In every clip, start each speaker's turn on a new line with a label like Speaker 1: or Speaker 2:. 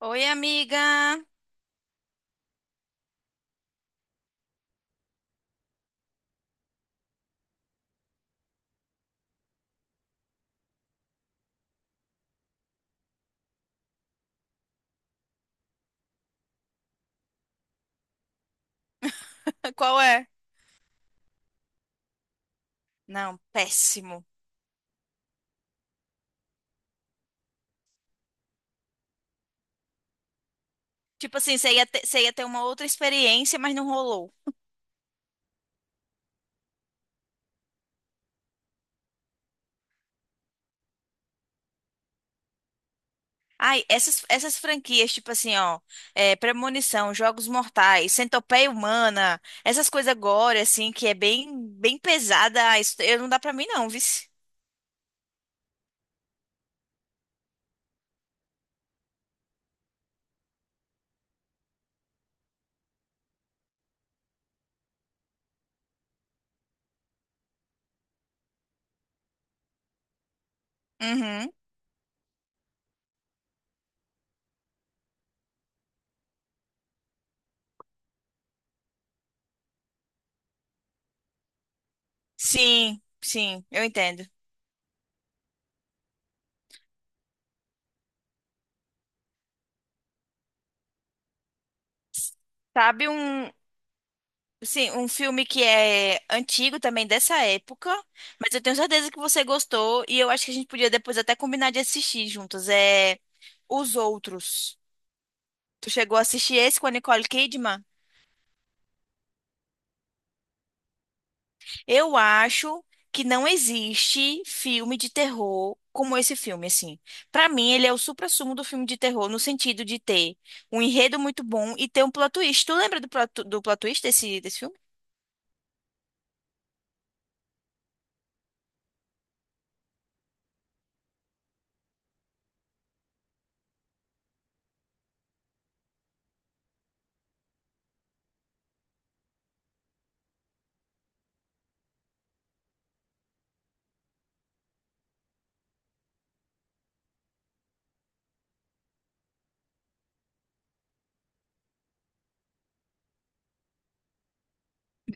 Speaker 1: Oi, amiga. Qual é? Não, péssimo. Tipo assim, você ia ter uma outra experiência, mas não rolou. Ai, essas franquias, tipo assim, ó, é, Premonição, Jogos Mortais, Centopeia Humana, essas coisas agora, assim, que é bem pesada, ah, não dá pra mim não, vice. Uhum. Sim, eu entendo. Sabe um, sim, um filme que é antigo também dessa época, mas eu tenho certeza que você gostou e eu acho que a gente podia depois até combinar de assistir juntos. É Os Outros. Tu chegou a assistir esse com a Nicole Kidman? Eu acho que não existe filme de terror como esse filme, assim. Pra mim, ele é o suprassumo do filme de terror no sentido de ter um enredo muito bom e ter um plot twist. Tu lembra do plot twist desse, desse filme?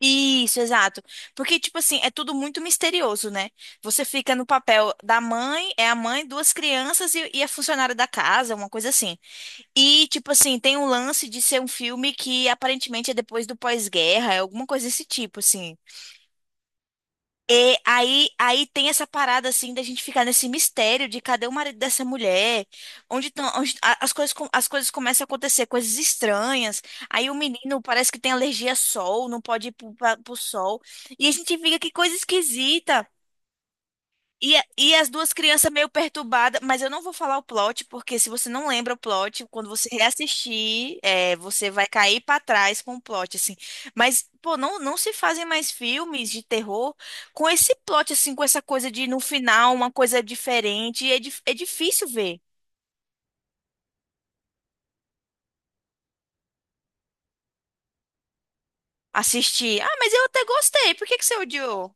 Speaker 1: Isso, exato. Porque, tipo assim, é tudo muito misterioso, né? Você fica no papel da mãe, é a mãe, duas crianças e a funcionária da casa, uma coisa assim. E, tipo assim, tem um lance de ser um filme que aparentemente é depois do pós-guerra, é alguma coisa desse tipo, assim. E aí, aí tem essa parada assim da gente ficar nesse mistério de cadê o marido dessa mulher? Onde estão as coisas, as coisas começam a acontecer, coisas estranhas. Aí o menino parece que tem alergia a sol, não pode ir pro sol. E a gente fica que coisa esquisita. E, e as duas crianças meio perturbadas, mas eu não vou falar o plot, porque se você não lembra o plot, quando você reassistir, é, você vai cair pra trás com o plot, assim. Mas, pô, não se fazem mais filmes de terror com esse plot, assim, com essa coisa de no final uma coisa diferente. É, é difícil ver, assistir. Ah, mas eu até gostei, por que que você odiou?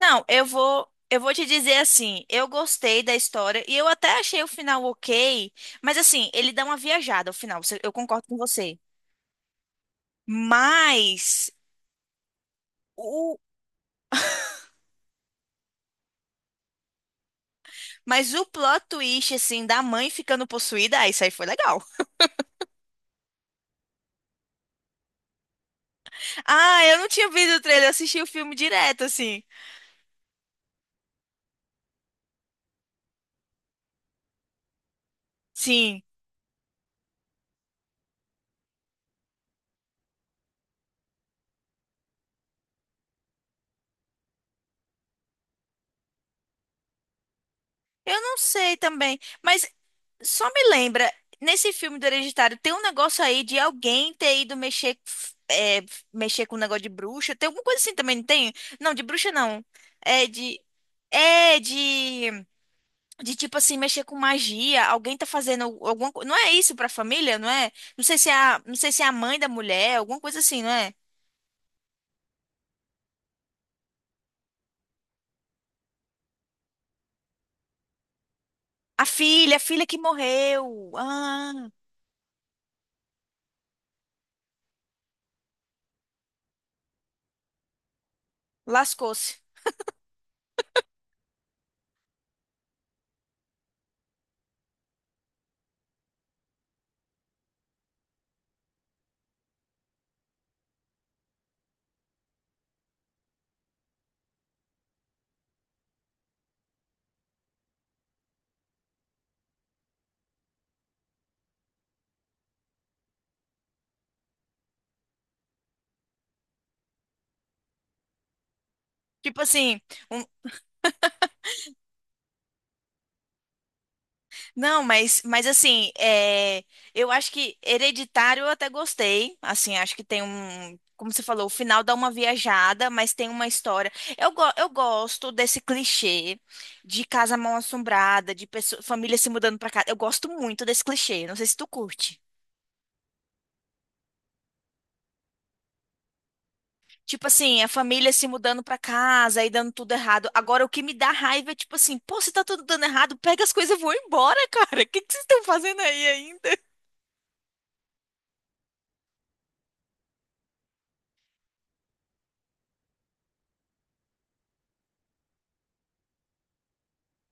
Speaker 1: Não, eu vou te dizer assim, eu gostei da história e eu até achei o final ok, mas assim, ele dá uma viajada ao final, eu concordo com você. Mas o, mas o plot twist assim da mãe ficando possuída, ah, isso aí foi legal. Ah, eu não tinha visto o trailer, eu assisti o filme direto assim. Sim. Eu não sei também, mas só me lembra, nesse filme do Hereditário, tem um negócio aí de alguém ter ido mexer, é, mexer com um negócio de bruxa. Tem alguma coisa assim também, não tem? Não, de bruxa não. É de. É de tipo assim, mexer com magia. Alguém tá fazendo alguma coisa. Não é isso pra família, não é? Não sei se é a, não sei se é a mãe da mulher, alguma coisa assim, não é? A filha que morreu. Ah, lascou-se. Tipo assim, um, não, mas assim, é, eu acho que Hereditário eu até gostei. Assim, acho que tem um. Como você falou, o final dá uma viajada, mas tem uma história. Eu, eu gosto desse clichê de casa mal-assombrada, de pessoa, família se mudando pra casa. Eu gosto muito desse clichê. Não sei se tu curte. Tipo assim, a família se mudando pra casa e dando tudo errado. Agora, o que me dá raiva é tipo assim, pô, se tá tudo dando errado, pega as coisas e vou embora, cara. O que que vocês estão fazendo aí ainda?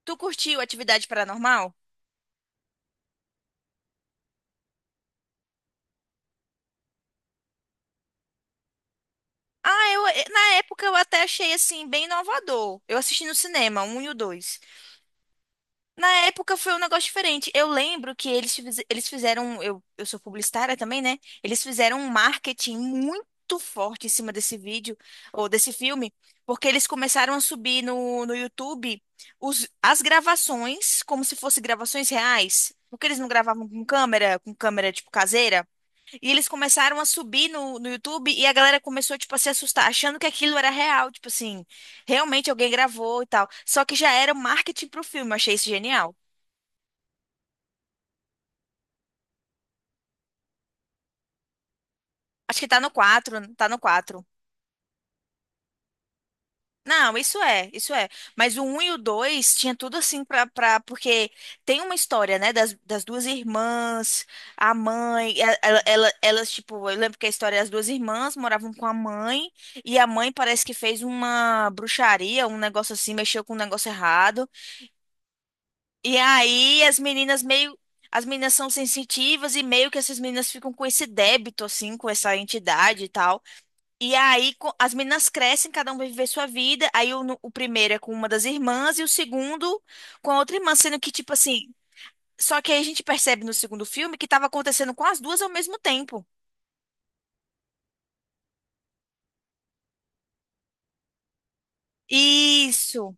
Speaker 1: Tu curtiu Atividade Paranormal? Ah, na época eu até achei assim bem inovador. Eu assisti no cinema, um e o dois. Na época foi um negócio diferente. Eu lembro que eles fizeram, eu sou publicitária também, né? Eles fizeram um marketing muito forte em cima desse vídeo ou desse filme, porque eles começaram a subir no YouTube as gravações como se fossem gravações reais. Porque eles não gravavam com câmera tipo caseira. E eles começaram a subir no YouTube e a galera começou, tipo, a se assustar, achando que aquilo era real, tipo assim, realmente alguém gravou e tal. Só que já era marketing pro filme, eu achei isso genial. Acho que tá no quatro, tá no quatro. Não, isso é. Mas o um e o 2 tinha tudo assim pra... Porque tem uma história, né, das duas irmãs, a mãe, elas, tipo, eu lembro que a história é as duas irmãs moravam com a mãe e a mãe parece que fez uma bruxaria, um negócio assim, mexeu com um negócio errado. E aí as meninas meio. As meninas são sensitivas e meio que essas meninas ficam com esse débito, assim, com essa entidade e tal. E aí as meninas crescem, cada um vai viver sua vida. Aí o, no- o primeiro é com uma das irmãs e o segundo com a outra irmã, sendo que, tipo assim. Só que aí a gente percebe no segundo filme que estava acontecendo com as duas ao mesmo tempo. Isso,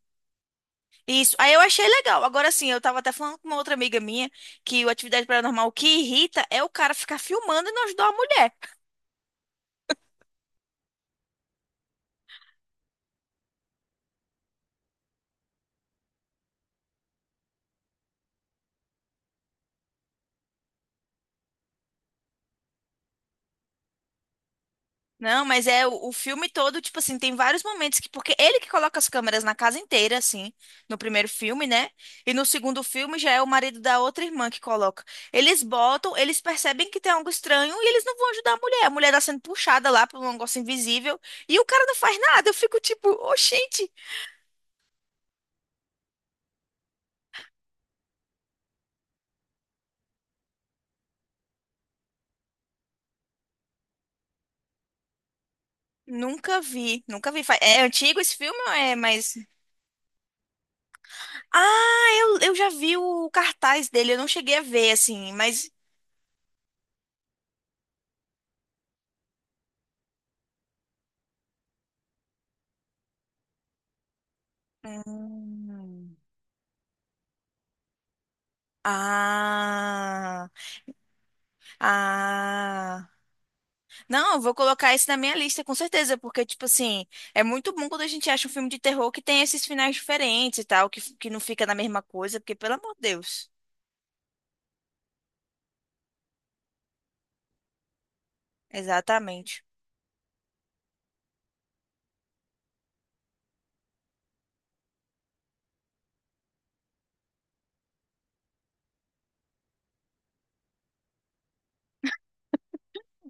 Speaker 1: isso. Aí eu achei legal. Agora sim, eu tava até falando com uma outra amiga minha que o Atividade Paranormal o que irrita é o cara ficar filmando e não ajudar a mulher. Não, mas é o filme todo, tipo assim, tem vários momentos que, porque ele que coloca as câmeras na casa inteira, assim, no primeiro filme, né? E no segundo filme já é o marido da outra irmã que coloca. Eles botam, eles percebem que tem algo estranho e eles não vão ajudar a mulher. A mulher tá sendo puxada lá por um negócio invisível e o cara não faz nada. Eu fico tipo, oxente, nunca vi, nunca vi. É antigo esse filme ou é mais. Ah, eu já vi o cartaz dele, eu não cheguei a ver, assim, mas. Hum. Ah, ah. Não, eu vou colocar esse na minha lista, com certeza, porque, tipo assim, é muito bom quando a gente acha um filme de terror que tem esses finais diferentes e tal, que não fica na mesma coisa, porque, pelo amor de Deus. Exatamente.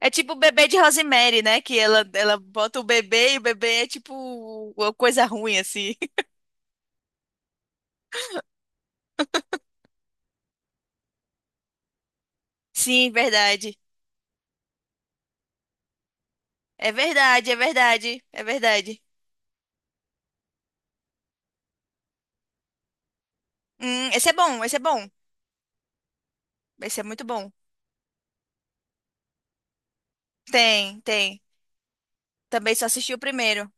Speaker 1: É tipo o bebê de Rosemary, né? Que ela bota o bebê e o bebê é tipo uma coisa ruim, assim. Sim, verdade. É verdade. Esse é bom. Esse é muito bom. Tem, tem. Também só assisti o primeiro.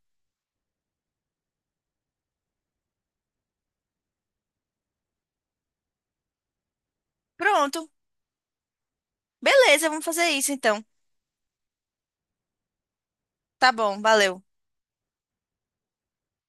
Speaker 1: Pronto. Beleza, vamos fazer isso então. Tá bom, valeu.